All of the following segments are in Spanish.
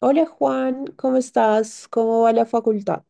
Hola Juan, ¿cómo estás? ¿Cómo va la facultad?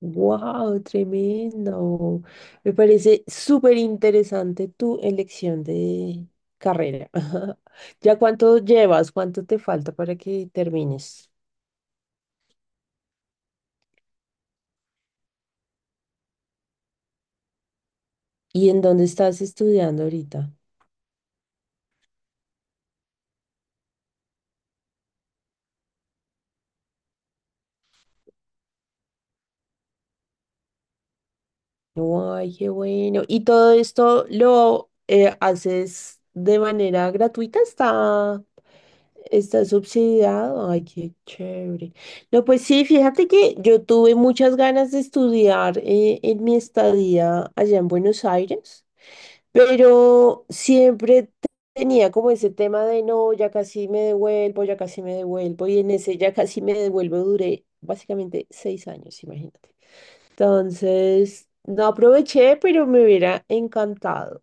¡Wow! Tremendo. Me parece súper interesante tu elección de carrera. ¿Ya cuánto llevas? ¿Cuánto te falta para que termines? ¿Y en dónde estás estudiando ahorita? ¡Ay, qué bueno! ¿Y todo esto lo haces de manera gratuita? ¿Está Está subsidiado? Ay, qué chévere. No, pues sí, fíjate que yo tuve muchas ganas de estudiar en mi estadía allá en Buenos Aires, pero tenía como ese tema de no, ya casi me devuelvo, ya casi me devuelvo, y en ese ya casi me devuelvo duré básicamente 6 años, imagínate. Entonces, no aproveché, pero me hubiera encantado.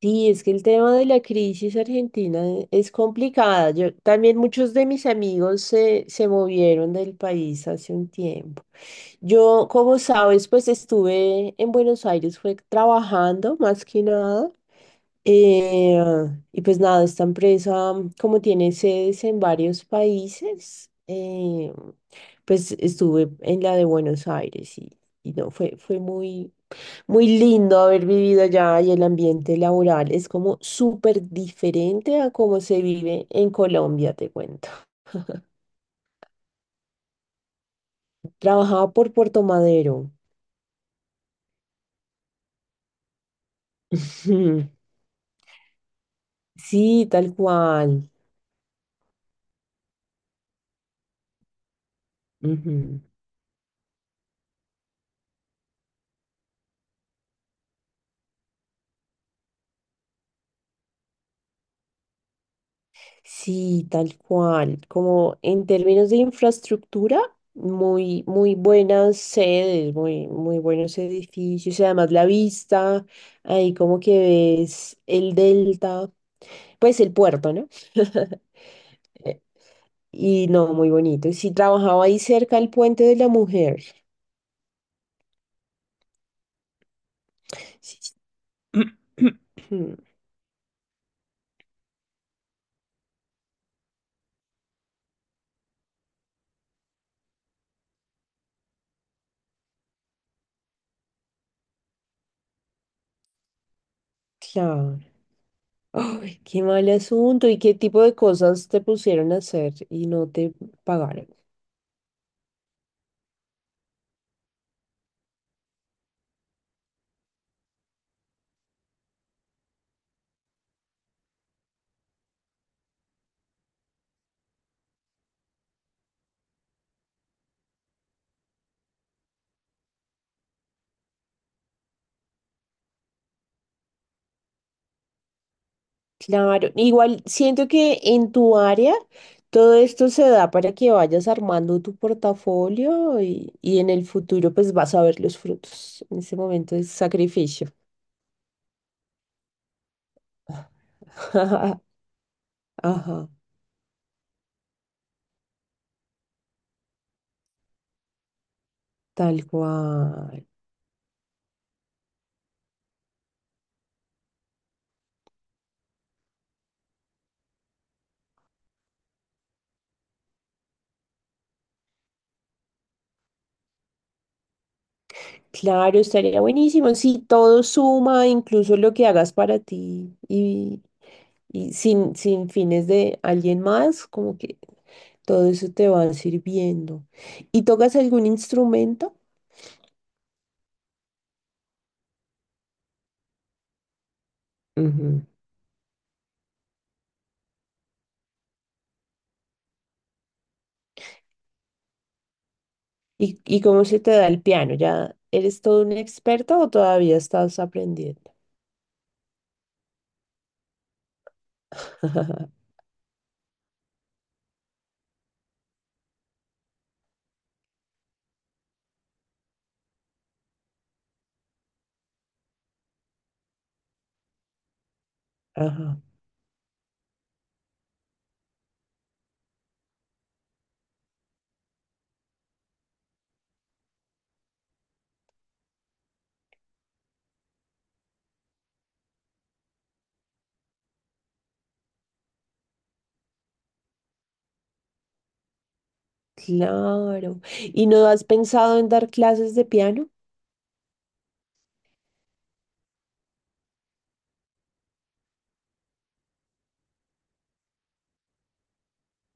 Sí, es que el tema de la crisis argentina es complicada. Yo también muchos de mis amigos se movieron del país hace un tiempo. Yo, como sabes, pues estuve en Buenos Aires, fue trabajando más que nada. Eh, y pues nada, esta empresa, como tiene sedes en varios países, pues estuve en la de Buenos Aires y no, fue muy, muy lindo haber vivido allá y el ambiente laboral es como súper diferente a cómo se vive en Colombia, te cuento. Trabajaba por Puerto Madero. Ujú. Sí, tal cual. Ujú. Sí, tal cual. Como en términos de infraestructura, muy, muy buenas sedes, muy, muy buenos edificios y además la vista, ahí como que ves el delta, pues el puerto, ¿no? Y no, muy bonito. Y sí, trabajaba ahí cerca del Puente de la Mujer. Sí, sí, mm, claro. Ay, qué mal asunto. ¿Y qué tipo de cosas te pusieron a hacer y no te pagaron? Claro. Igual siento que en tu área todo esto se da para que vayas armando tu portafolio y en el futuro pues vas a ver los frutos. En ese momento es sacrificio. Ajá, tal cual. Claro, estaría buenísimo. Sí, todo suma, incluso lo que hagas para ti y sin fines de alguien más, como que todo eso te va sirviendo. ¿Y tocas algún instrumento? Ujú. ¿Y cómo se te da el piano? ¿Ya eres todo un experto o todavía estás aprendiendo? Ajá, claro. ¿Y no has pensado en dar clases de piano?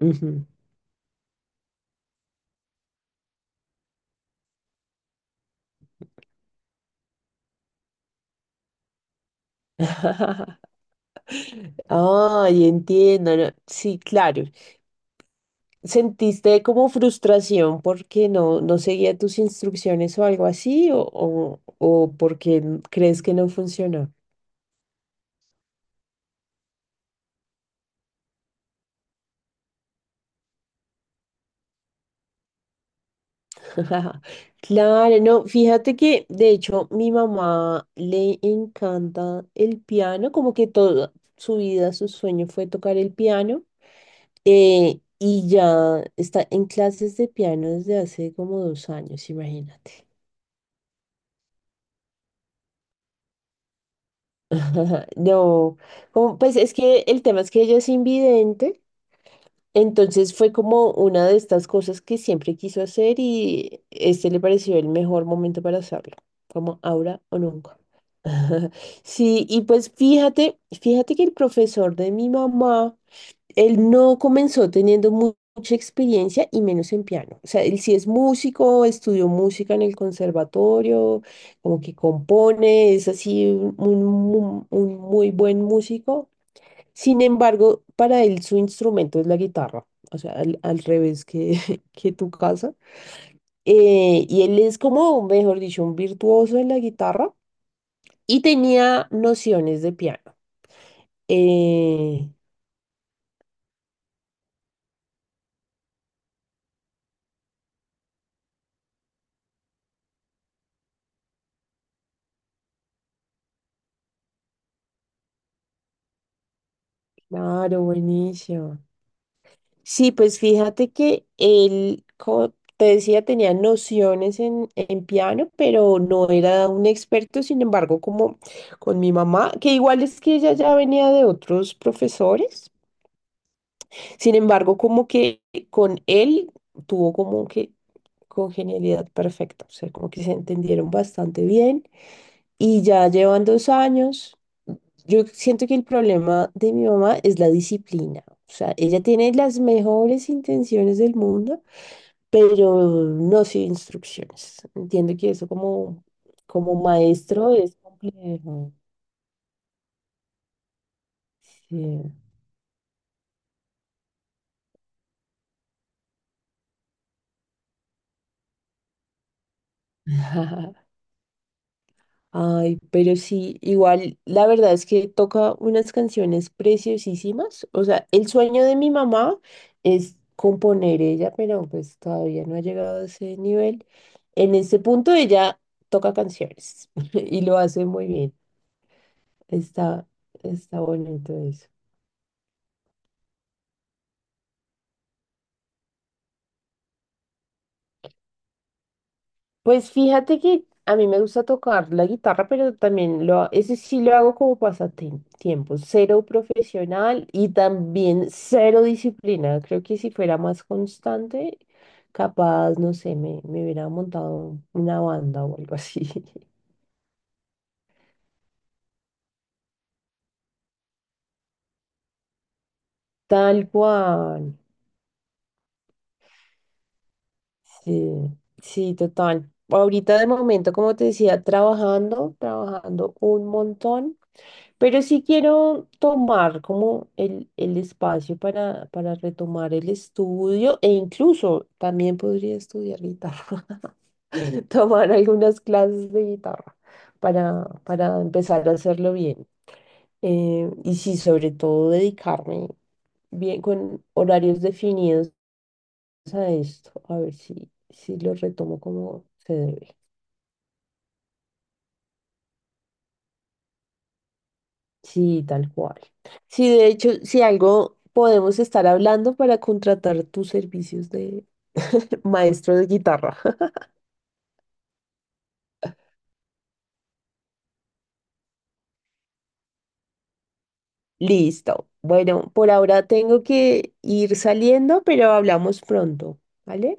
Ujú. Ay, entiendo. No, sí, claro. ¿Sentiste como frustración porque no seguía tus instrucciones o algo así? ¿O porque crees que no funcionó? Claro, no, fíjate que de hecho mi mamá le encanta el piano, como que toda su vida su sueño fue tocar el piano y ya está en clases de piano desde hace como 2 años, imagínate. No, como, pues es que el tema es que ella es invidente. Entonces fue como una de estas cosas que siempre quiso hacer y este le pareció el mejor momento para hacerlo, como ahora o nunca. Sí, y pues fíjate que el profesor de mi mamá, él no comenzó teniendo mucha experiencia y menos en piano. O sea, él sí es músico, estudió música en el conservatorio, como que compone, es así un muy buen músico. Sin embargo, para él su instrumento es la guitarra, o sea, al revés que, que tu casa. Y él es como, mejor dicho, un virtuoso en la guitarra y tenía nociones de piano. Eh, claro, buenísimo. Sí, pues fíjate que él, como te decía, tenía nociones en piano, pero no era un experto, sin embargo, como con mi mamá, que igual es que ella ya venía de otros profesores, sin embargo, como que con él tuvo como que congenialidad perfecta, o sea, como que se entendieron bastante bien y ya llevan 2 años. Yo siento que el problema de mi mamá es la disciplina. O sea, ella tiene las mejores intenciones del mundo, pero no sin instrucciones. Entiendo que eso como, como maestro es complejo. Sí. Ay, pero sí, igual la verdad es que toca unas canciones preciosísimas. O sea, el sueño de mi mamá es componer ella, pero pues todavía no ha llegado a ese nivel. En ese punto ella toca canciones y lo hace muy bien. Está, está bonito eso. Pues fíjate que a mí me gusta tocar la guitarra, pero también lo, ese sí lo hago como pasatiempo, cero profesional y también cero disciplina. Creo que si fuera más constante, capaz, no sé, me hubiera montado una banda o algo así. Tal cual. Sí, sí, total. Ahorita de momento, como te decía, trabajando, trabajando un montón, pero sí quiero tomar como el espacio para retomar el estudio e incluso también podría estudiar guitarra, tomar algunas clases de guitarra para empezar a hacerlo bien. Y sí, sobre todo dedicarme bien con horarios definidos a esto, a ver si, si lo retomo como se debe. Sí, tal cual. Sí, de hecho, si algo podemos estar hablando para contratar tus servicios de maestro de guitarra. Listo. Bueno, por ahora tengo que ir saliendo, pero hablamos pronto, ¿vale?